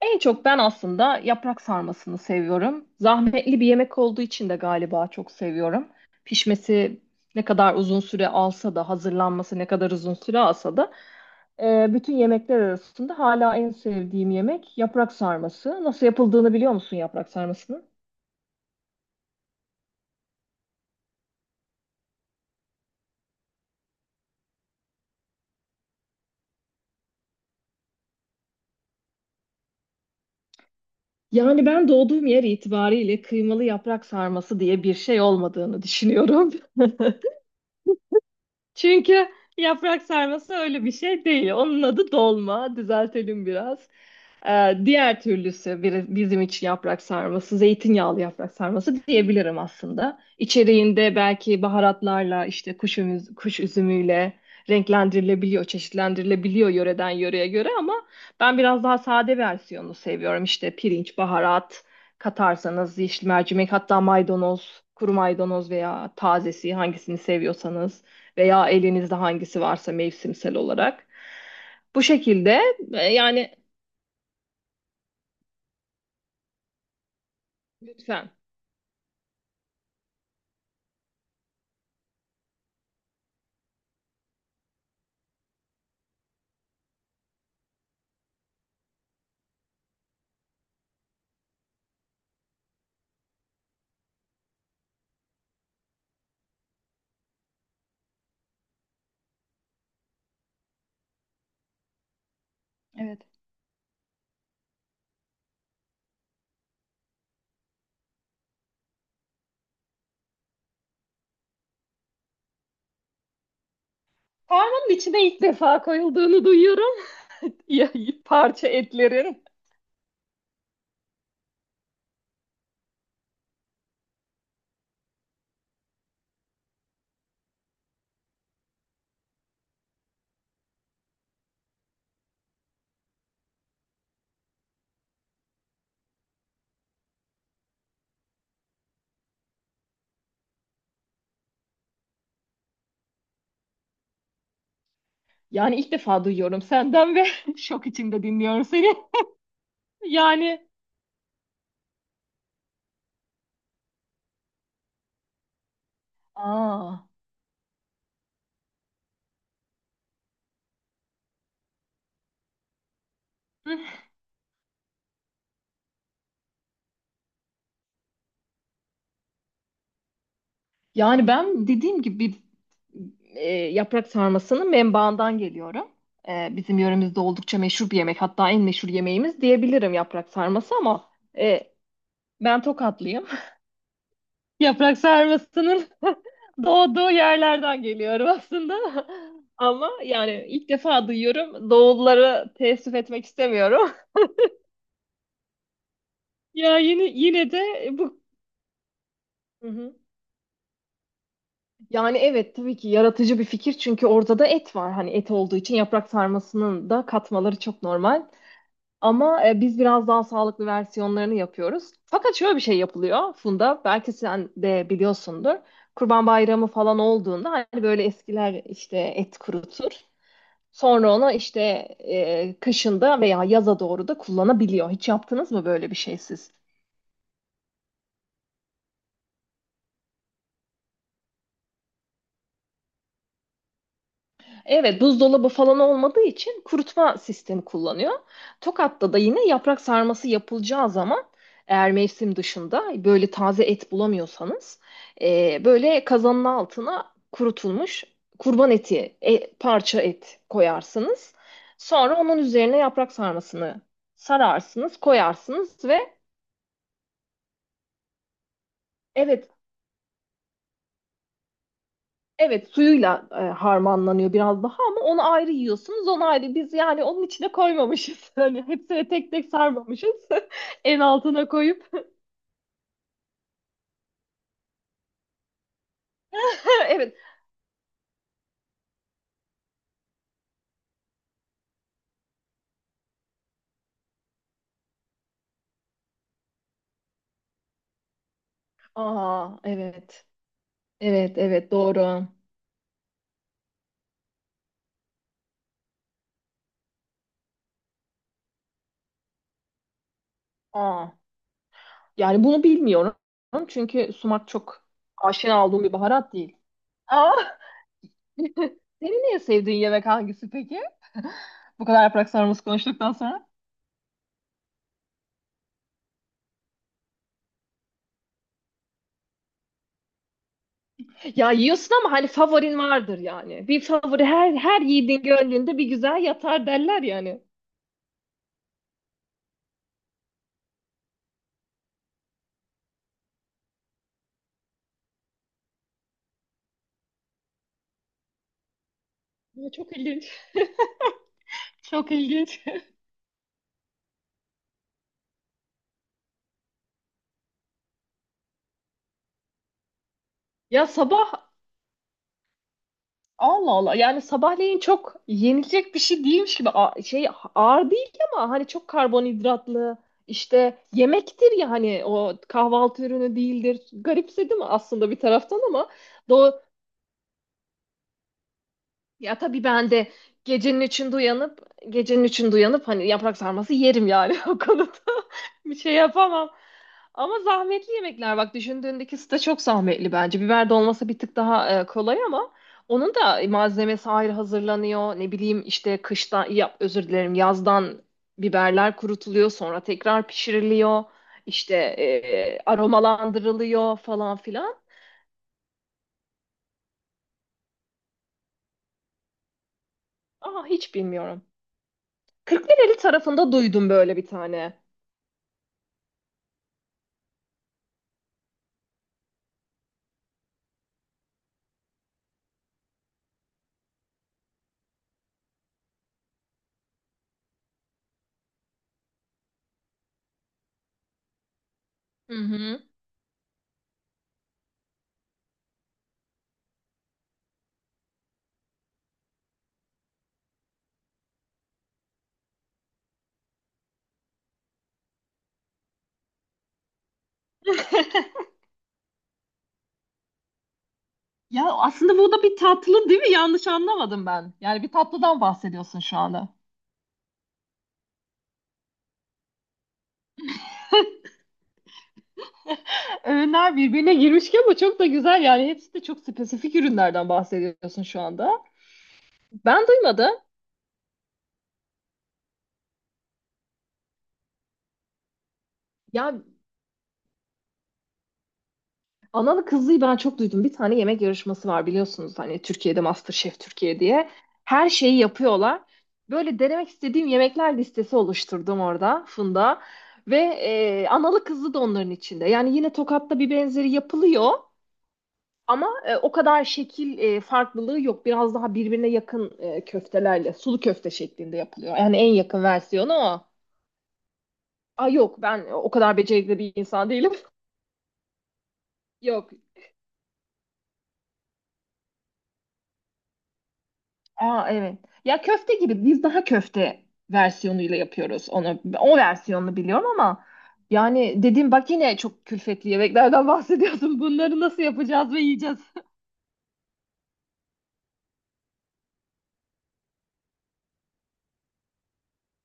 En çok ben aslında yaprak sarmasını seviyorum. Zahmetli bir yemek olduğu için de galiba çok seviyorum. Pişmesi ne kadar uzun süre alsa da, hazırlanması ne kadar uzun süre alsa da bütün yemekler arasında hala en sevdiğim yemek yaprak sarması. Nasıl yapıldığını biliyor musun yaprak sarmasının? Yani ben doğduğum yer itibariyle kıymalı yaprak sarması diye bir şey olmadığını düşünüyorum. Çünkü yaprak sarması öyle bir şey değil. Onun adı dolma. Düzeltelim biraz. Diğer türlüsü bizim için yaprak sarması, zeytinyağlı yaprak sarması diyebilirim aslında. İçeriğinde belki baharatlarla, işte kuş üzümüyle renklendirilebiliyor, çeşitlendirilebiliyor yöreden yöreye göre ama ben biraz daha sade versiyonunu seviyorum. İşte pirinç, baharat katarsanız, yeşil mercimek, hatta maydanoz, kuru maydanoz veya tazesi hangisini seviyorsanız veya elinizde hangisi varsa mevsimsel olarak. Bu şekilde yani lütfen. Evet. Karnın içine ilk defa koyulduğunu duyuyorum. Ya- Parça etlerin. Yani ilk defa duyuyorum senden ve şok içinde dinliyorum seni. Yani Aa. Ben dediğim gibi yaprak sarmasının menbaından geliyorum. Bizim yöremizde oldukça meşhur bir yemek. Hatta en meşhur yemeğimiz diyebilirim yaprak sarması ama e, ben Tokatlıyım. Yaprak sarmasının doğduğu yerlerden geliyorum aslında. Ama yani ilk defa duyuyorum. Doğulları teessüf etmek istemiyorum. Ya yine de bu hı hı. Yani evet tabii ki yaratıcı bir fikir çünkü orada da et var. Hani et olduğu için yaprak sarmasının da katmaları çok normal. Ama biz biraz daha sağlıklı versiyonlarını yapıyoruz. Fakat şöyle bir şey yapılıyor Funda. Belki sen de biliyorsundur. Kurban Bayramı falan olduğunda hani böyle eskiler işte et kurutur. Sonra onu işte kışında veya yaza doğru da kullanabiliyor. Hiç yaptınız mı böyle bir şey siz? Evet, buzdolabı falan olmadığı için kurutma sistemi kullanıyor. Tokat'ta da yine yaprak sarması yapılacağı zaman eğer mevsim dışında böyle taze et bulamıyorsanız böyle kazanın altına kurutulmuş kurban eti, parça et koyarsınız. Sonra onun üzerine yaprak sarmasını sararsınız, koyarsınız ve evet. Evet, suyuyla harmanlanıyor biraz daha, ama onu ayrı yiyorsunuz, onu ayrı. Biz yani onun içine koymamışız, hani hepsine tek tek sarmamışız, en altına koyup evet. Aa, evet, evet, evet, doğru. Aa, yani bunu bilmiyorum çünkü sumak çok aşina olduğum bir baharat değil. Aa. Senin en sevdiğin yemek hangisi peki? Bu kadar yaprak sarması konuştuktan sonra. Ya yiyorsun ama hani favorin vardır yani. Bir favori, her yiğidin gönlünde bir güzel yatar derler yani. Ya çok ilginç. Çok ilginç. Ya sabah Allah Allah, yani sabahleyin çok yenilecek bir şey değilmiş gibi şey, ağır değil ama hani çok karbonhidratlı işte yemektir ya, hani o kahvaltı ürünü değildir. Garipsedim aslında bir taraftan ama do ya tabii ben de gecenin üçünde uyanıp gecenin üçünde uyanıp hani yaprak sarması yerim yani, o konuda bir şey yapamam. Ama zahmetli yemekler bak, düşündüğündeki süte çok zahmetli bence. Biber dolması bir tık daha kolay ama onun da malzemesi ayrı hazırlanıyor. Ne bileyim işte kıştan yap özür dilerim yazdan biberler kurutuluyor, sonra tekrar pişiriliyor. İşte aromalandırılıyor falan filan. Aa hiç bilmiyorum. Kırklareli tarafında duydum böyle bir tane. Hı hı. Ya aslında bu da bir tatlı değil mi? Yanlış anlamadım ben. Yani bir tatlıdan bahsediyorsun şu anda. Öğünler birbirine girmiş ki ama çok da güzel. Yani hepsi de çok spesifik ürünlerden bahsediyorsun şu anda. Ben duymadım. Ya analı kızlıyı ben çok duydum. Bir tane yemek yarışması var biliyorsunuz. Hani Türkiye'de MasterChef Türkiye diye. Her şeyi yapıyorlar. Böyle denemek istediğim yemekler listesi oluşturdum orada Funda. Ve analı kızlı da onların içinde. Yani yine Tokat'ta bir benzeri yapılıyor. Ama o kadar şekil farklılığı yok. Biraz daha birbirine yakın köftelerle, sulu köfte şeklinde yapılıyor. Yani en yakın versiyonu o. Aa yok, ben o kadar becerikli bir insan değilim. Yok. Aa evet. Ya köfte gibi, biz daha köfte versiyonuyla yapıyoruz onu. O versiyonunu biliyorum ama yani dedim bak, yine çok külfetli yemeklerden bahsediyorsun. Bunları nasıl yapacağız ve yiyeceğiz?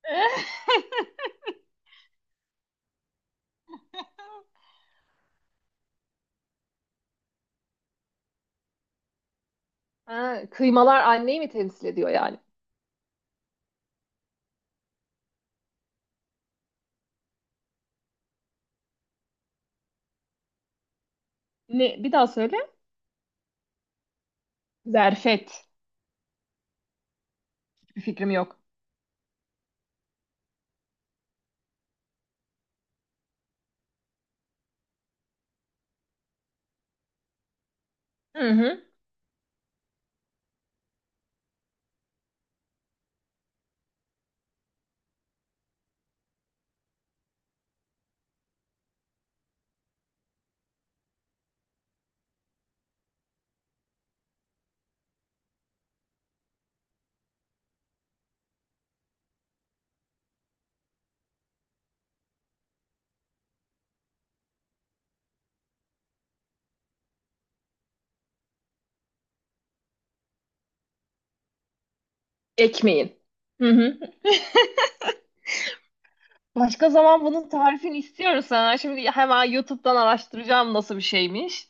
Ha, kıymalar anneyi mi temsil ediyor yani? Ne? Bir daha söyle. Zerfet. Hiçbir fikrim yok. Hı hı. Ekmeğin. Hı hı. Başka zaman bunun tarifini istiyorum sana. Şimdi hemen YouTube'dan araştıracağım nasıl bir şeymiş.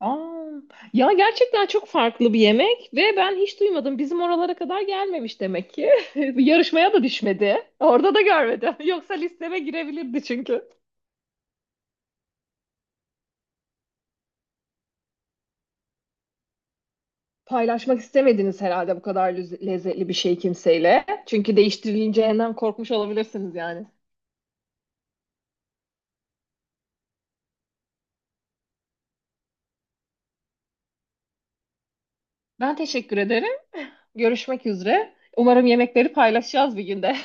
Aa, ya gerçekten çok farklı bir yemek ve ben hiç duymadım. Bizim oralara kadar gelmemiş demek ki. Yarışmaya da düşmedi. Orada da görmedim. Yoksa listeme girebilirdi çünkü. Paylaşmak istemediniz herhalde bu kadar lezzetli bir şey kimseyle. Çünkü değiştirileceğinden korkmuş olabilirsiniz yani. Ben teşekkür ederim. Görüşmek üzere. Umarım yemekleri paylaşacağız bir günde.